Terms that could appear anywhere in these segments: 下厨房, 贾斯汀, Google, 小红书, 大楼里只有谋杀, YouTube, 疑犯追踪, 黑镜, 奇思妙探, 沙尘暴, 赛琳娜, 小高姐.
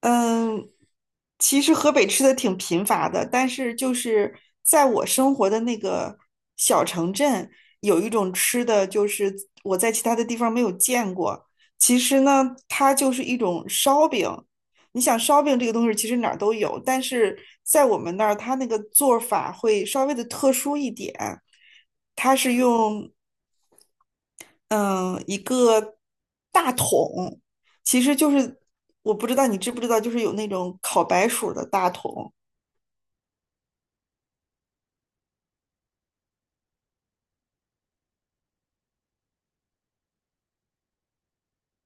嗯，其实河北吃的挺贫乏的，但是就是在我生活的那个小城镇，有一种吃的，就是我在其他的地方没有见过。其实呢，它就是一种烧饼。你想烧饼这个东西，其实哪儿都有，但是在我们那儿，它那个做法会稍微的特殊一点。它是用嗯，一个大桶，其实就是我不知道你知不知道，就是有那种烤白薯的大桶。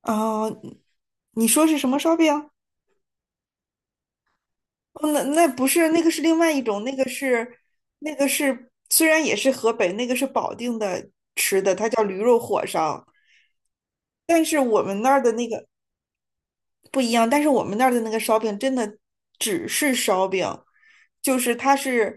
啊，你说是什么烧饼？哦那不是，那个是另外一种，那个是虽然也是河北，那个是保定的吃的，它叫驴肉火烧，但是我们那儿的那个。不一样，但是我们那儿的那个烧饼真的只是烧饼，就是它是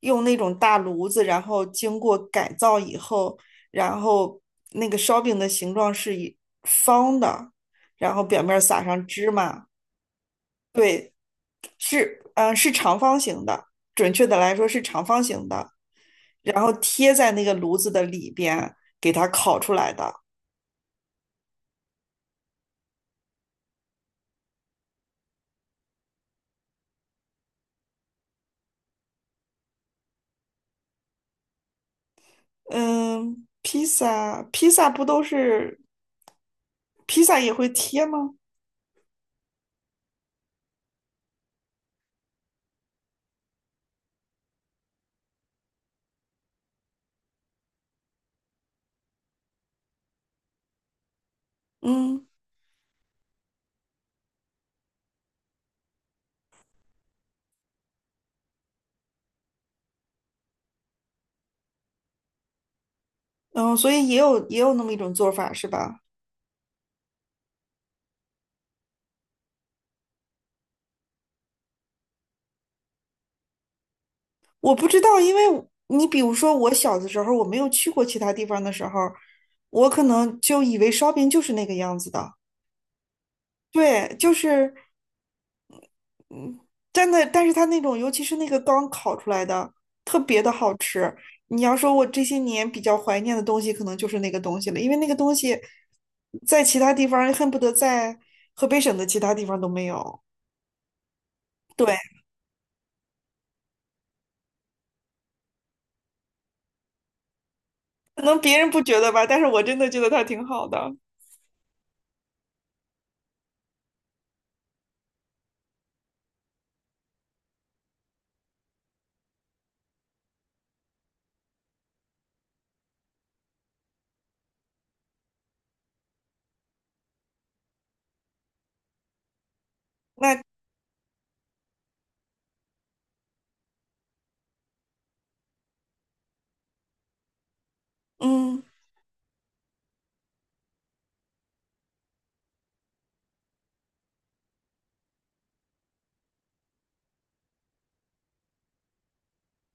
用那种大炉子，然后经过改造以后，然后那个烧饼的形状是以方的，然后表面撒上芝麻，对，是是长方形的，准确的来说是长方形的，然后贴在那个炉子的里边给它烤出来的。嗯，披萨不都是披萨也会贴吗？嗯嗯，所以也有那么一种做法是吧？我不知道，因为你比如说我小的时候，我没有去过其他地方的时候，我可能就以为烧饼就是那个样子的。对，就是真的，但是它那种，尤其是那个刚烤出来的，特别的好吃。你要说我这些年比较怀念的东西，可能就是那个东西了，因为那个东西在其他地方恨不得在河北省的其他地方都没有。对，可能别人不觉得吧，但是我真的觉得它挺好的。那嗯，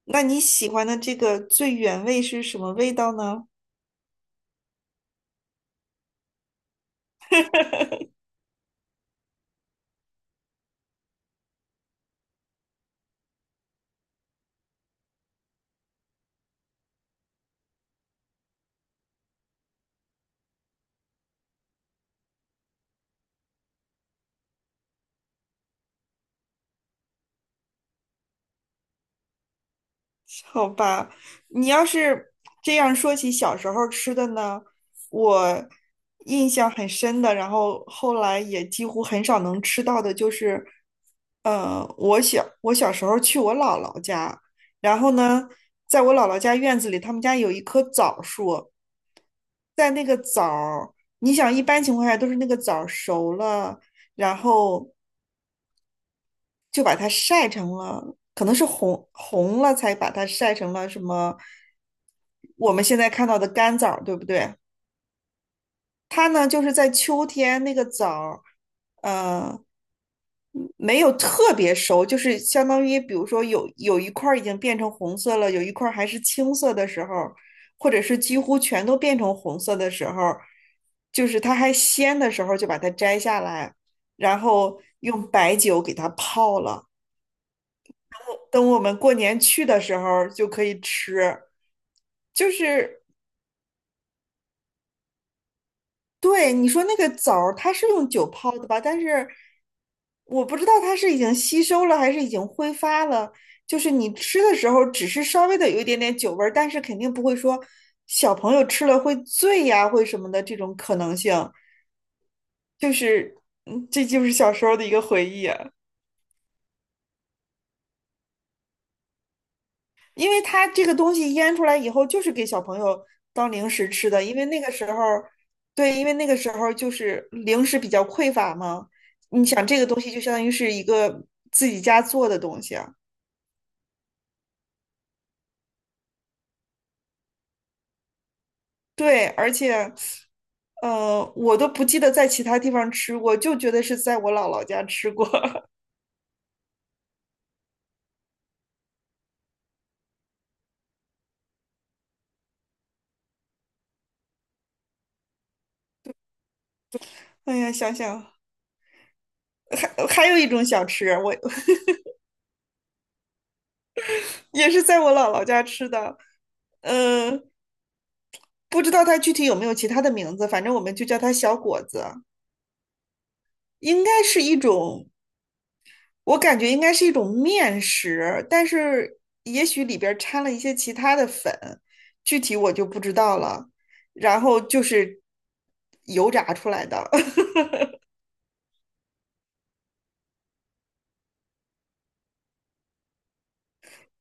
那你喜欢的这个最原味是什么味道呢？好吧，你要是这样说起小时候吃的呢，我印象很深的，然后后来也几乎很少能吃到的，就是，我小时候去我姥姥家，然后呢，在我姥姥家院子里，他们家有一棵枣树，在那个枣儿，你想一般情况下都是那个枣儿熟了，然后。就把它晒成了，可能是红红了才把它晒成了什么我们现在看到的干枣儿对不对？它呢就是在秋天那个枣儿，呃，没有特别熟，就是相当于比如说有一块儿已经变成红色了，有一块儿还是青色的时候，或者是几乎全都变成红色的时候，就是它还鲜的时候就把它摘下来，然后用白酒给它泡了。等我们过年去的时候就可以吃。就是对你说那个枣儿，它是用酒泡的吧？但是我不知道它是已经吸收了还是已经挥发了。就是你吃的时候，只是稍微的有一点点酒味儿，但是肯定不会说小朋友吃了会醉呀、会什么的这种可能性。就是，嗯，这就是小时候的一个回忆啊。因为它这个东西腌出来以后，就是给小朋友当零食吃的。因为那个时候，对，因为那个时候就是零食比较匮乏嘛。你想，这个东西就相当于是一个自己家做的东西啊。对，而且，我都不记得在其他地方吃过，就觉得是在我姥姥家吃过。哎呀，想想还有一种小吃，我也是在我姥姥家吃的。呃，不知道它具体有没有其他的名字，反正我们就叫它小果子。应该是一种，我感觉应该是一种面食，但是也许里边儿掺了一些其他的粉，具体我就不知道了。然后就是油炸出来的，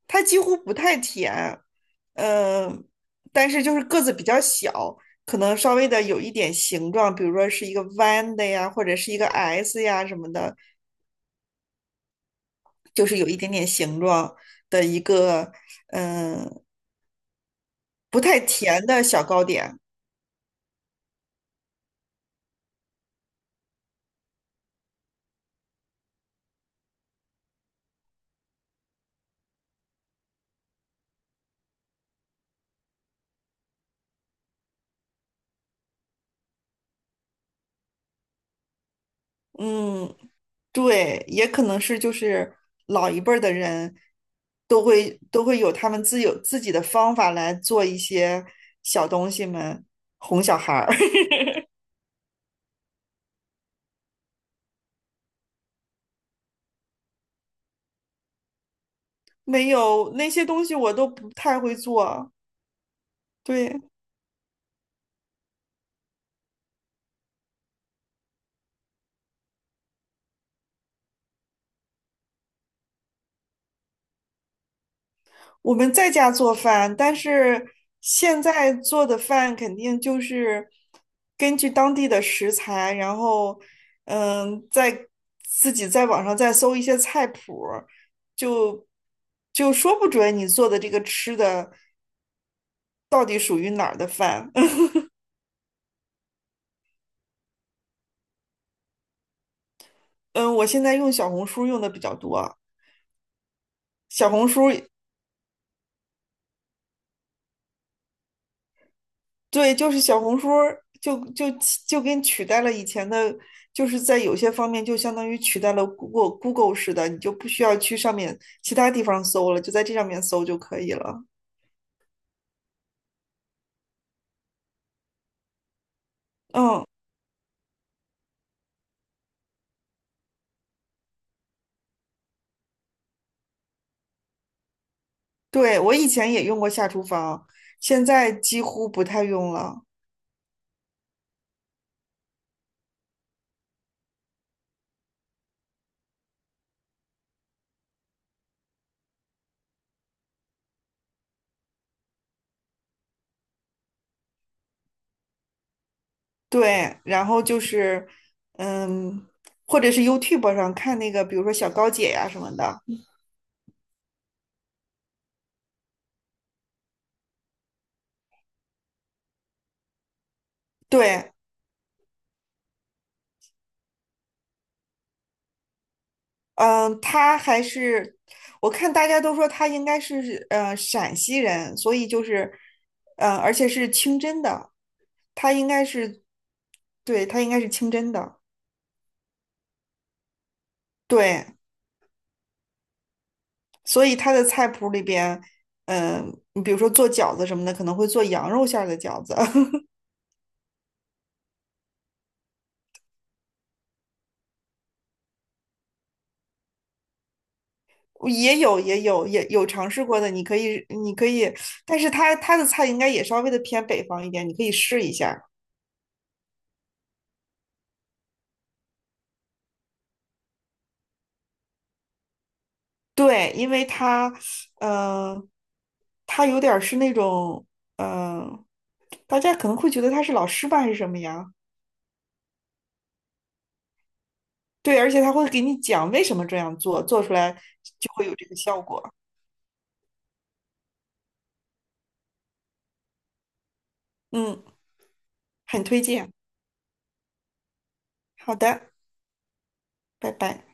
它几乎不太甜，嗯、但是就是个子比较小，可能稍微的有一点形状，比如说是一个弯的呀，或者是一个 S 呀什么的，就是有一点点形状的一个，嗯、不太甜的小糕点。嗯，对，也可能是就是老一辈儿的人都会有他们自己的方法来做一些小东西们哄小孩儿，没有那些东西我都不太会做。对，我们在家做饭，但是现在做的饭肯定就是根据当地的食材，然后嗯，自己在网上再搜一些菜谱儿就就说不准你做的这个吃的到底属于哪儿的饭。嗯，我现在用小红书用的比较多，小红书对，就是小红书儿就就就跟取代了以前的，就是在有些方面就相当于取代了 Google 似的，你就不需要去上面其他地方搜了，就在这上面搜就可以了。嗯，对，我以前也用过下厨房，现在几乎不太用了。对，然后就是，嗯，或者是 YouTube 上看那个，比如说小高姐呀什么的。对，嗯，他还是我看大家都说他应该是陕西人，所以就是而且是清真的，他应该是对，他应该是清真的，对，所以他的菜谱里边，嗯、你比如说做饺子什么的，可能会做羊肉馅儿的饺子，也有尝试过的，你可以，但是他的菜应该也稍微的偏北方一点，你可以试一下。对，因为他，嗯，他有点儿是那种，嗯，大家可能会觉得他是老师吧，还是什么呀？对，而且他会给你讲为什么这样做，做出来就会有这个效果。嗯，很推荐。好的，拜拜。